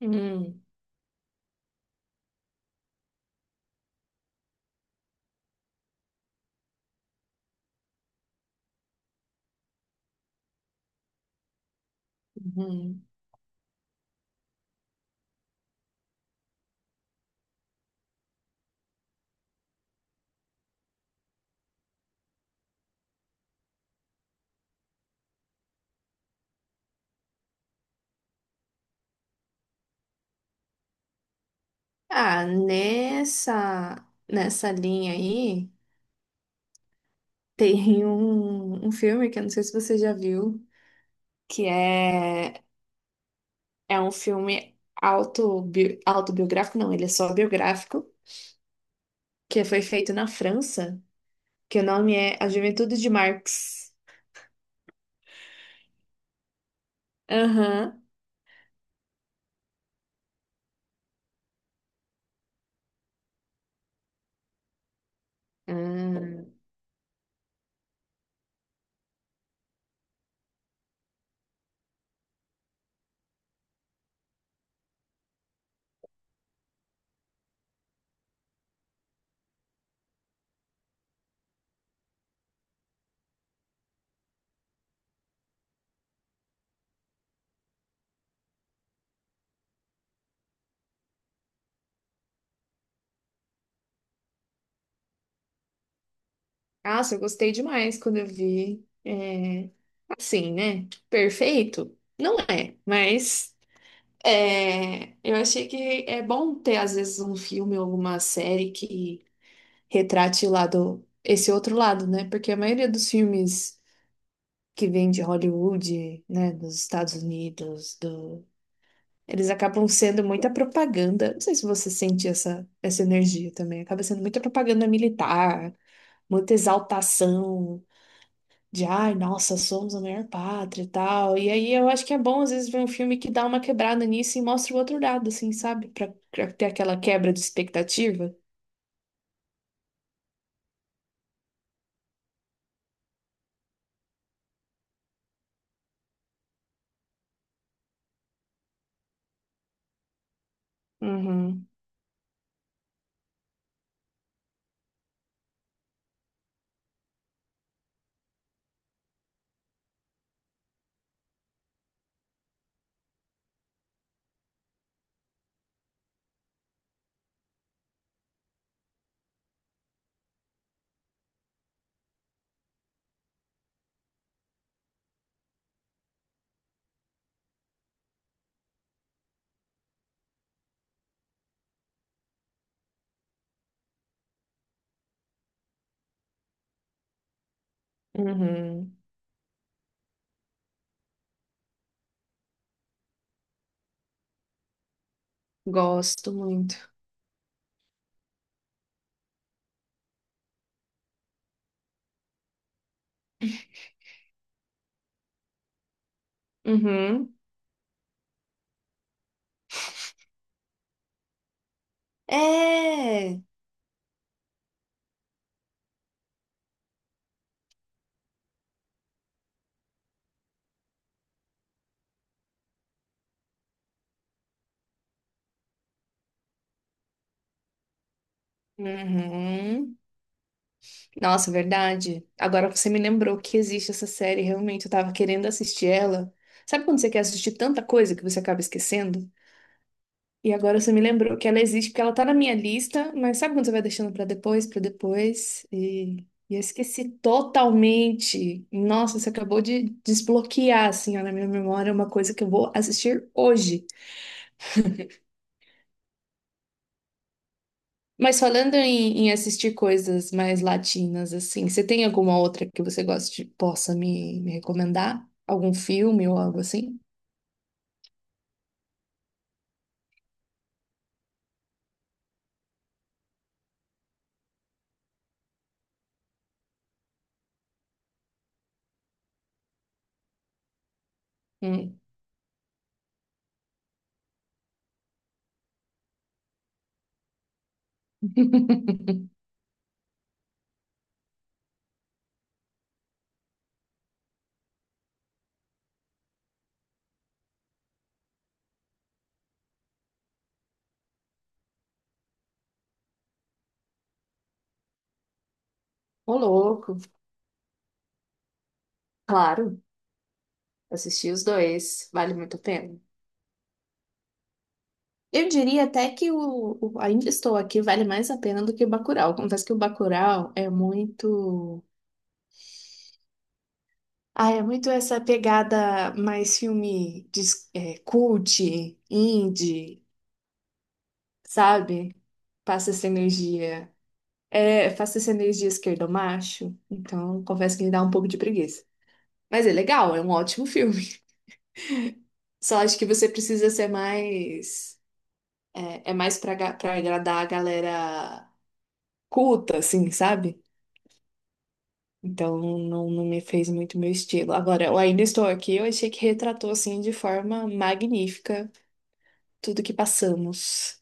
Hum, uhum. Ah, nessa, nessa linha aí, tem um filme que eu não sei se você já viu, que é, é um filme autobiográfico, não, ele é só biográfico, que foi feito na França, que o nome é A Juventude de Marx. Aham. Hum. Nossa, eu gostei demais quando eu vi. É, assim, né? Perfeito? Não é, mas. É, eu achei que é bom ter, às vezes, um filme ou alguma série que retrate o lado, esse outro lado, né? Porque a maioria dos filmes que vêm de Hollywood, né, dos Estados Unidos, do, eles acabam sendo muita propaganda. Não sei se você sente essa energia também. Acaba sendo muita propaganda militar, muita exaltação de ai, nossa, somos a maior pátria e tal. E aí eu acho que é bom às vezes ver um filme que dá uma quebrada nisso e mostra o outro lado, assim, sabe? Pra ter aquela quebra de expectativa. Uhum, uhum. Gosto muito. Uhum. É. Uhum. Nossa, verdade. Agora você me lembrou que existe essa série, realmente, eu tava querendo assistir ela. Sabe quando você quer assistir tanta coisa que você acaba esquecendo? E agora você me lembrou que ela existe, porque ela tá na minha lista, mas sabe quando você vai deixando pra depois, pra depois? E eu esqueci totalmente. Nossa, você acabou de desbloquear, assim, ó, na minha memória, uma coisa que eu vou assistir hoje. Mas falando em assistir coisas mais latinas, assim, você tem alguma outra que você goste, possa me recomendar? Algum filme ou algo assim? Hum. Ô, louco. Claro, assisti os dois. Vale muito a pena. Eu diria até que o Ainda Estou Aqui vale mais a pena do que o Bacurau. Confesso que o Bacurau é muito. Ah, é muito essa pegada mais filme de, é, cult, indie, sabe? Passa essa energia. É, faço essa energia esquerdo macho, então confesso que me dá um pouco de preguiça. Mas é legal, é um ótimo filme. Só acho que você precisa ser mais. É, é mais pra, pra agradar a galera culta, assim, sabe? Então não me fez muito meu estilo. Agora, eu ainda estou aqui, eu achei que retratou, assim, de forma magnífica tudo que passamos.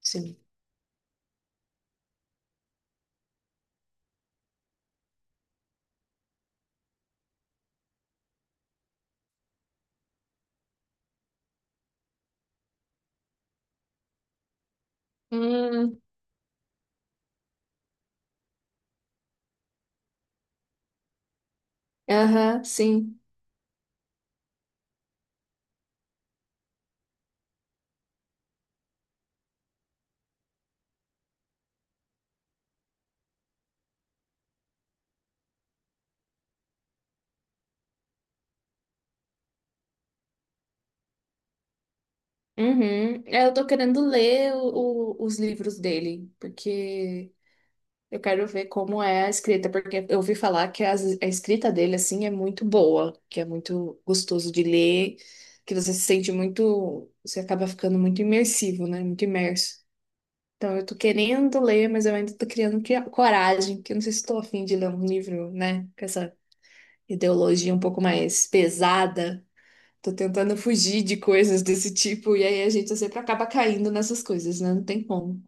Sim. Hum, aham, sim. Uhum. É, eu tô querendo ler os livros dele, porque eu quero ver como é a escrita, porque eu ouvi falar que a escrita dele, assim, é muito boa, que é muito gostoso de ler, que você se sente muito, você acaba ficando muito imersivo, né? Muito imerso. Então, eu tô querendo ler, mas eu ainda tô criando coragem, que eu não sei se tô a fim de ler um livro, né? Com essa ideologia um pouco mais pesada. Tô tentando fugir de coisas desse tipo, e aí a gente sempre acaba caindo nessas coisas, né? Não tem como.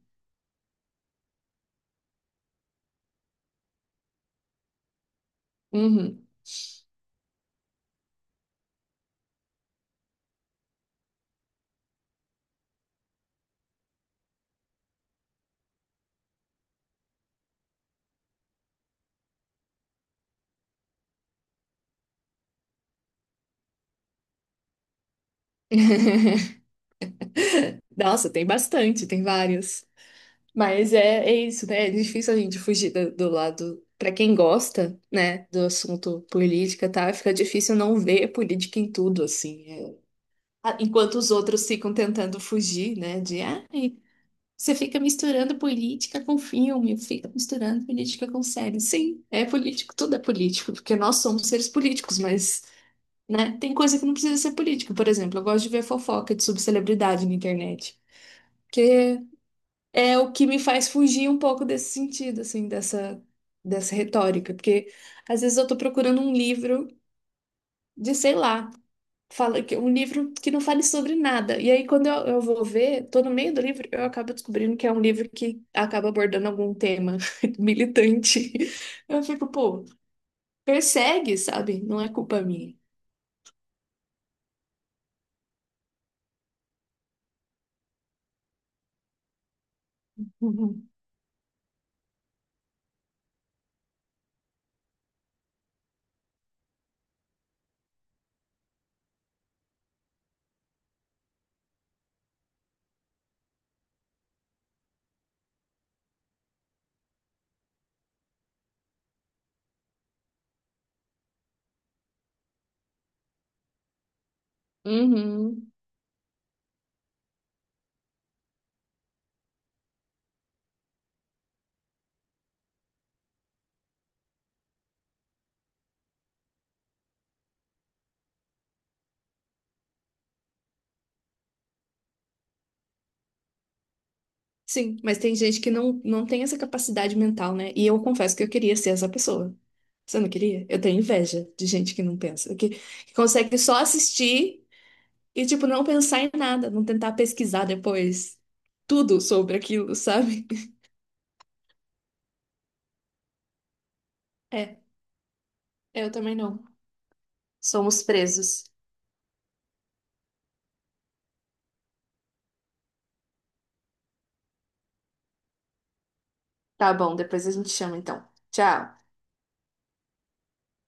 Uhum. Nossa, tem bastante, tem vários. Mas é, é isso, né? É difícil a gente fugir do lado. Pra quem gosta, né, do assunto política, tá? Fica difícil não ver política em tudo, assim. É. Ah, enquanto os outros ficam tentando fugir, né? De, ai, você fica misturando política com filme, fica misturando política com série. Sim, é político, tudo é político, porque nós somos seres políticos, mas, né, tem coisa que não precisa ser política. Por exemplo, eu gosto de ver fofoca de subcelebridade na internet, é o que me faz fugir um pouco desse sentido, assim, dessa retórica, porque às vezes eu tô procurando um livro de, sei lá, fala que um livro que não fale sobre nada. E aí quando eu vou ver, tô no meio do livro, eu acabo descobrindo que é um livro que acaba abordando algum tema militante. Eu fico, pô, persegue, sabe? Não é culpa minha. Uhum. Uhum. Sim, mas tem gente que não tem essa capacidade mental, né? E eu confesso que eu queria ser essa pessoa. Você não queria? Eu tenho inveja de gente que não pensa, que consegue só assistir e, tipo, não pensar em nada, não tentar pesquisar depois tudo sobre aquilo, sabe? É, eu também não. Somos presos. Tá bom, depois a gente chama então. Tchau.